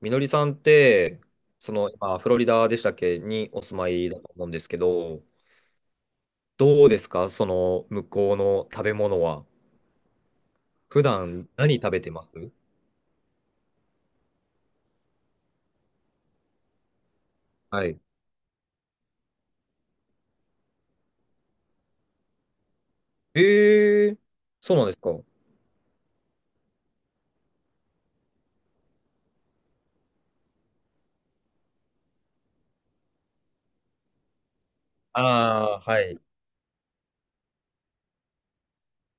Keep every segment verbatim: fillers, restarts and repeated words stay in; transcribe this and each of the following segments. みのりさんって、その、今、フロリダでしたっけにお住まいだと思うんですけど、どうですかその、向こうの食べ物は。普段、何食べてます？はい。ええー、そうなんですか？ああ、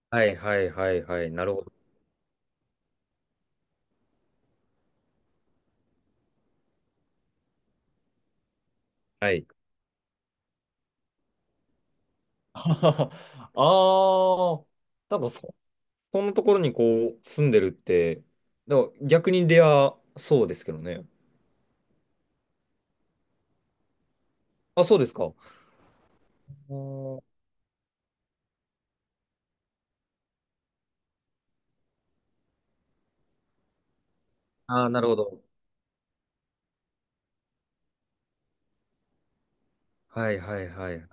はいはいはいはいはい。なるほど。はい。ああ、なんかそ、そんなところにこう、住んでるって、だから逆にレアそうですけどね。あ、そうですか。あー、あー、なるほど。はいはいはいはい。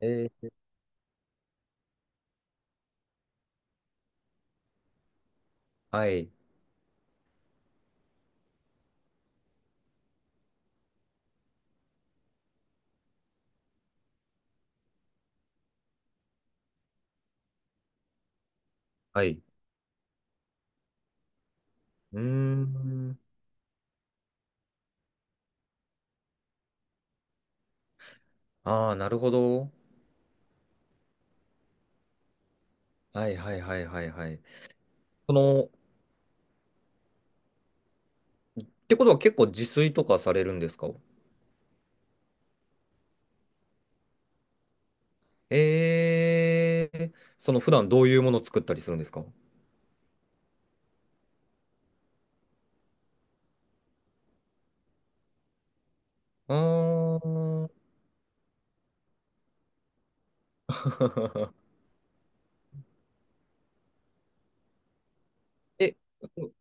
えー、はい。はい。うーん。ああ、なるほど。はいはいはいはいはい。その、ってことは結構自炊とかされるんですか？ええ、その普段どういうもの作ったりするんですか？あー。 え、そう、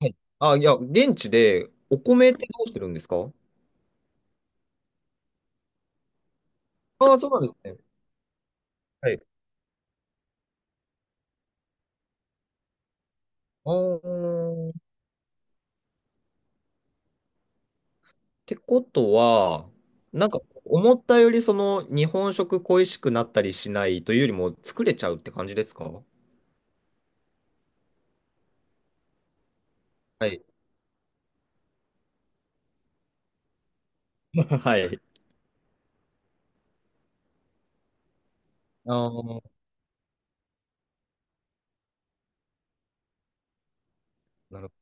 はい。あ、いや、現地でお米ってどうしてるんですか？ああー、そうなんですね。はい。あー、ってことは、なんか思ったよりその日本食恋しくなったりしないというよりも作れちゃうって感じですか？はい。はい。ああ、なるほ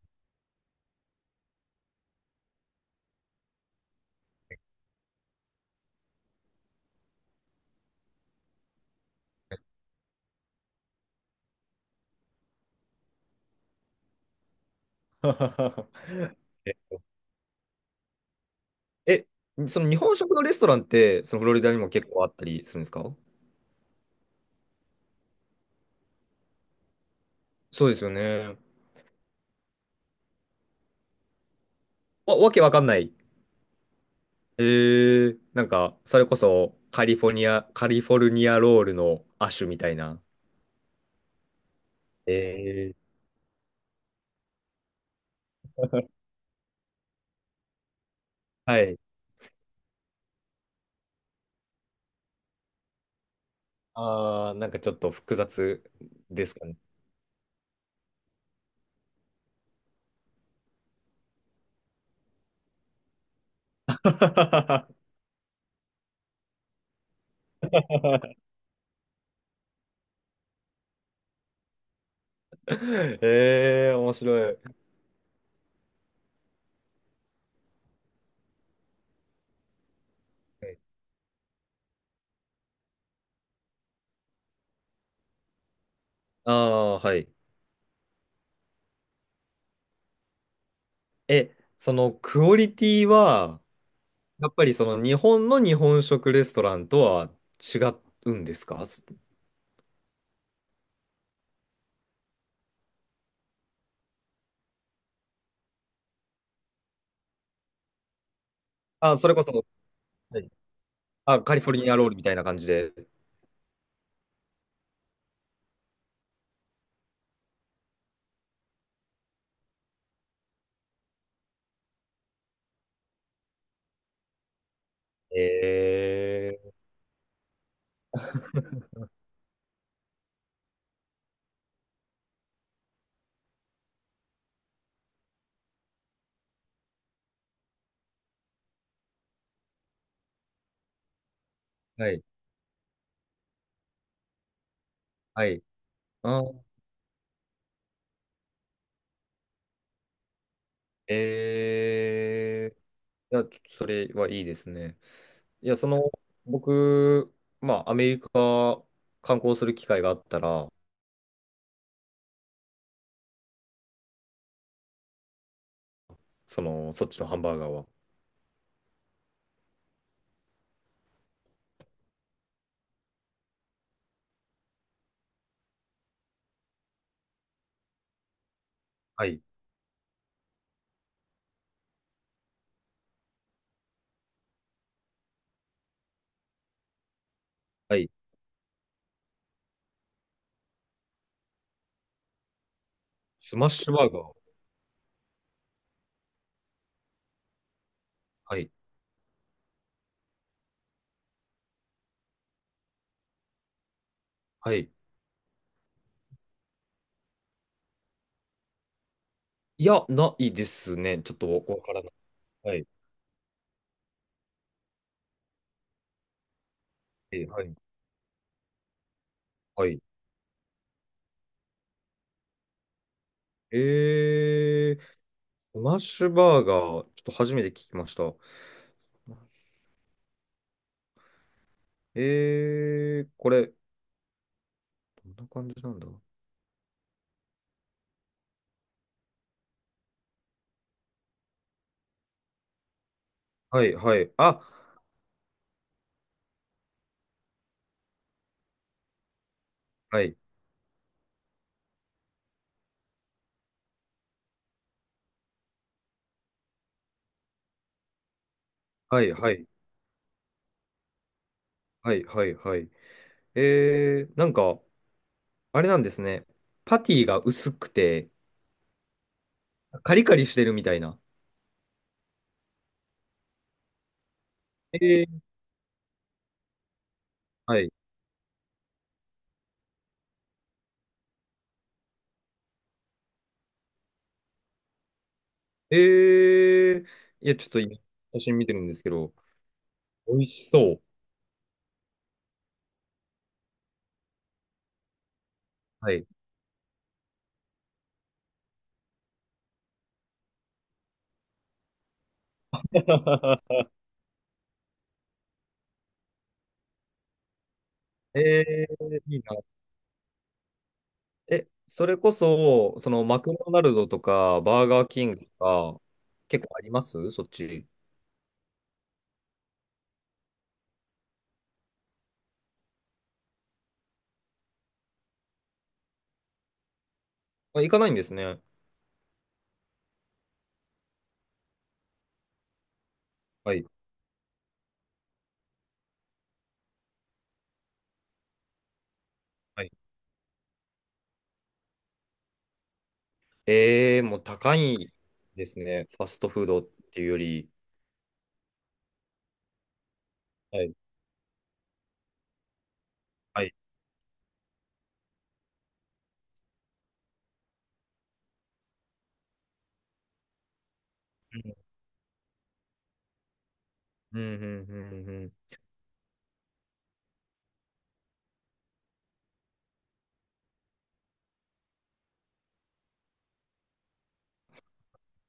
ど。え、え、その日本食のレストランって、そのフロリダにも結構あったりするんですか？そうですよね。わ、わけわかんない。えー、なんか、それこそカリフォルニア、カリフォルニアロールの亜種みたいな。えー、はい。ああ、なんかちょっと複雑ですかね。えー、面白い。ああ、はい。え、そのクオリティは、やっぱりその日本の日本食レストランとは違うんですか？あ、それこそ、はい、あ、カリフォルニアロールみたいな感じで。えー、はい、はい。あ、えー、いや、ちょっとそれはいいですね。いや、その、僕、まあ、アメリカ観光する機会があったら、その、そっちのハンバーガーは。はい、はい。スマッシュバーガー。はい、はい。いや、ないですね。ちょっとわからない。はい、えー、はい。はい。えー、スマッシュバーガー、ちょっと初めて聞きました。えー、これ、どんな感じなんだ？はい、はい、あ、はい、はい、はい、はい、はい、はい。えー、なんか、あれなんですね。パティが薄くて、カリカリしてるみたいな。えー、はい。えー、いや、ちょっと今、写真見てるんですけど、美味しそう。はい。えー、いいな。え、それこそ、そのマクドナルドとか、バーガーキングとか、結構ありますそっち？あ、行かないんですね。はい。はい。えー、もう高いですね。ファストフードっていうより。はい。はい。うん、うん、うん、うん。うん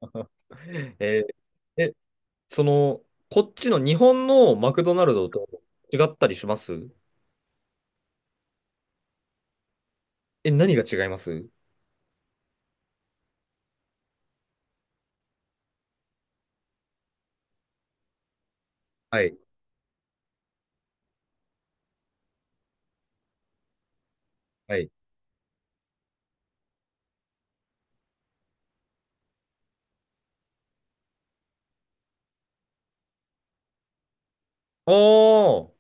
えー、え、その、こっちの日本のマクドナルドと違ったりします？え、何が違います？はい。はい。おー、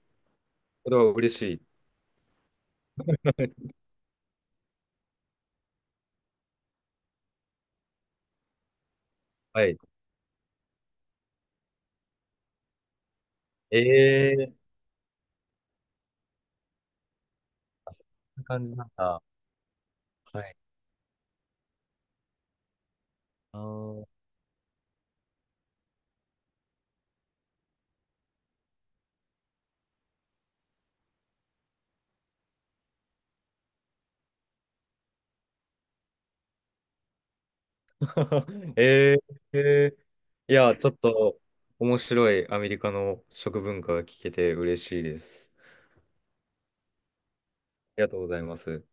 それは嬉しい。はい。えー、あ、そんな感じなんだ。はい。あー。 えー、えー、いや、ちょっと面白いアメリカの食文化が聞けて嬉しいです。ありがとうございます。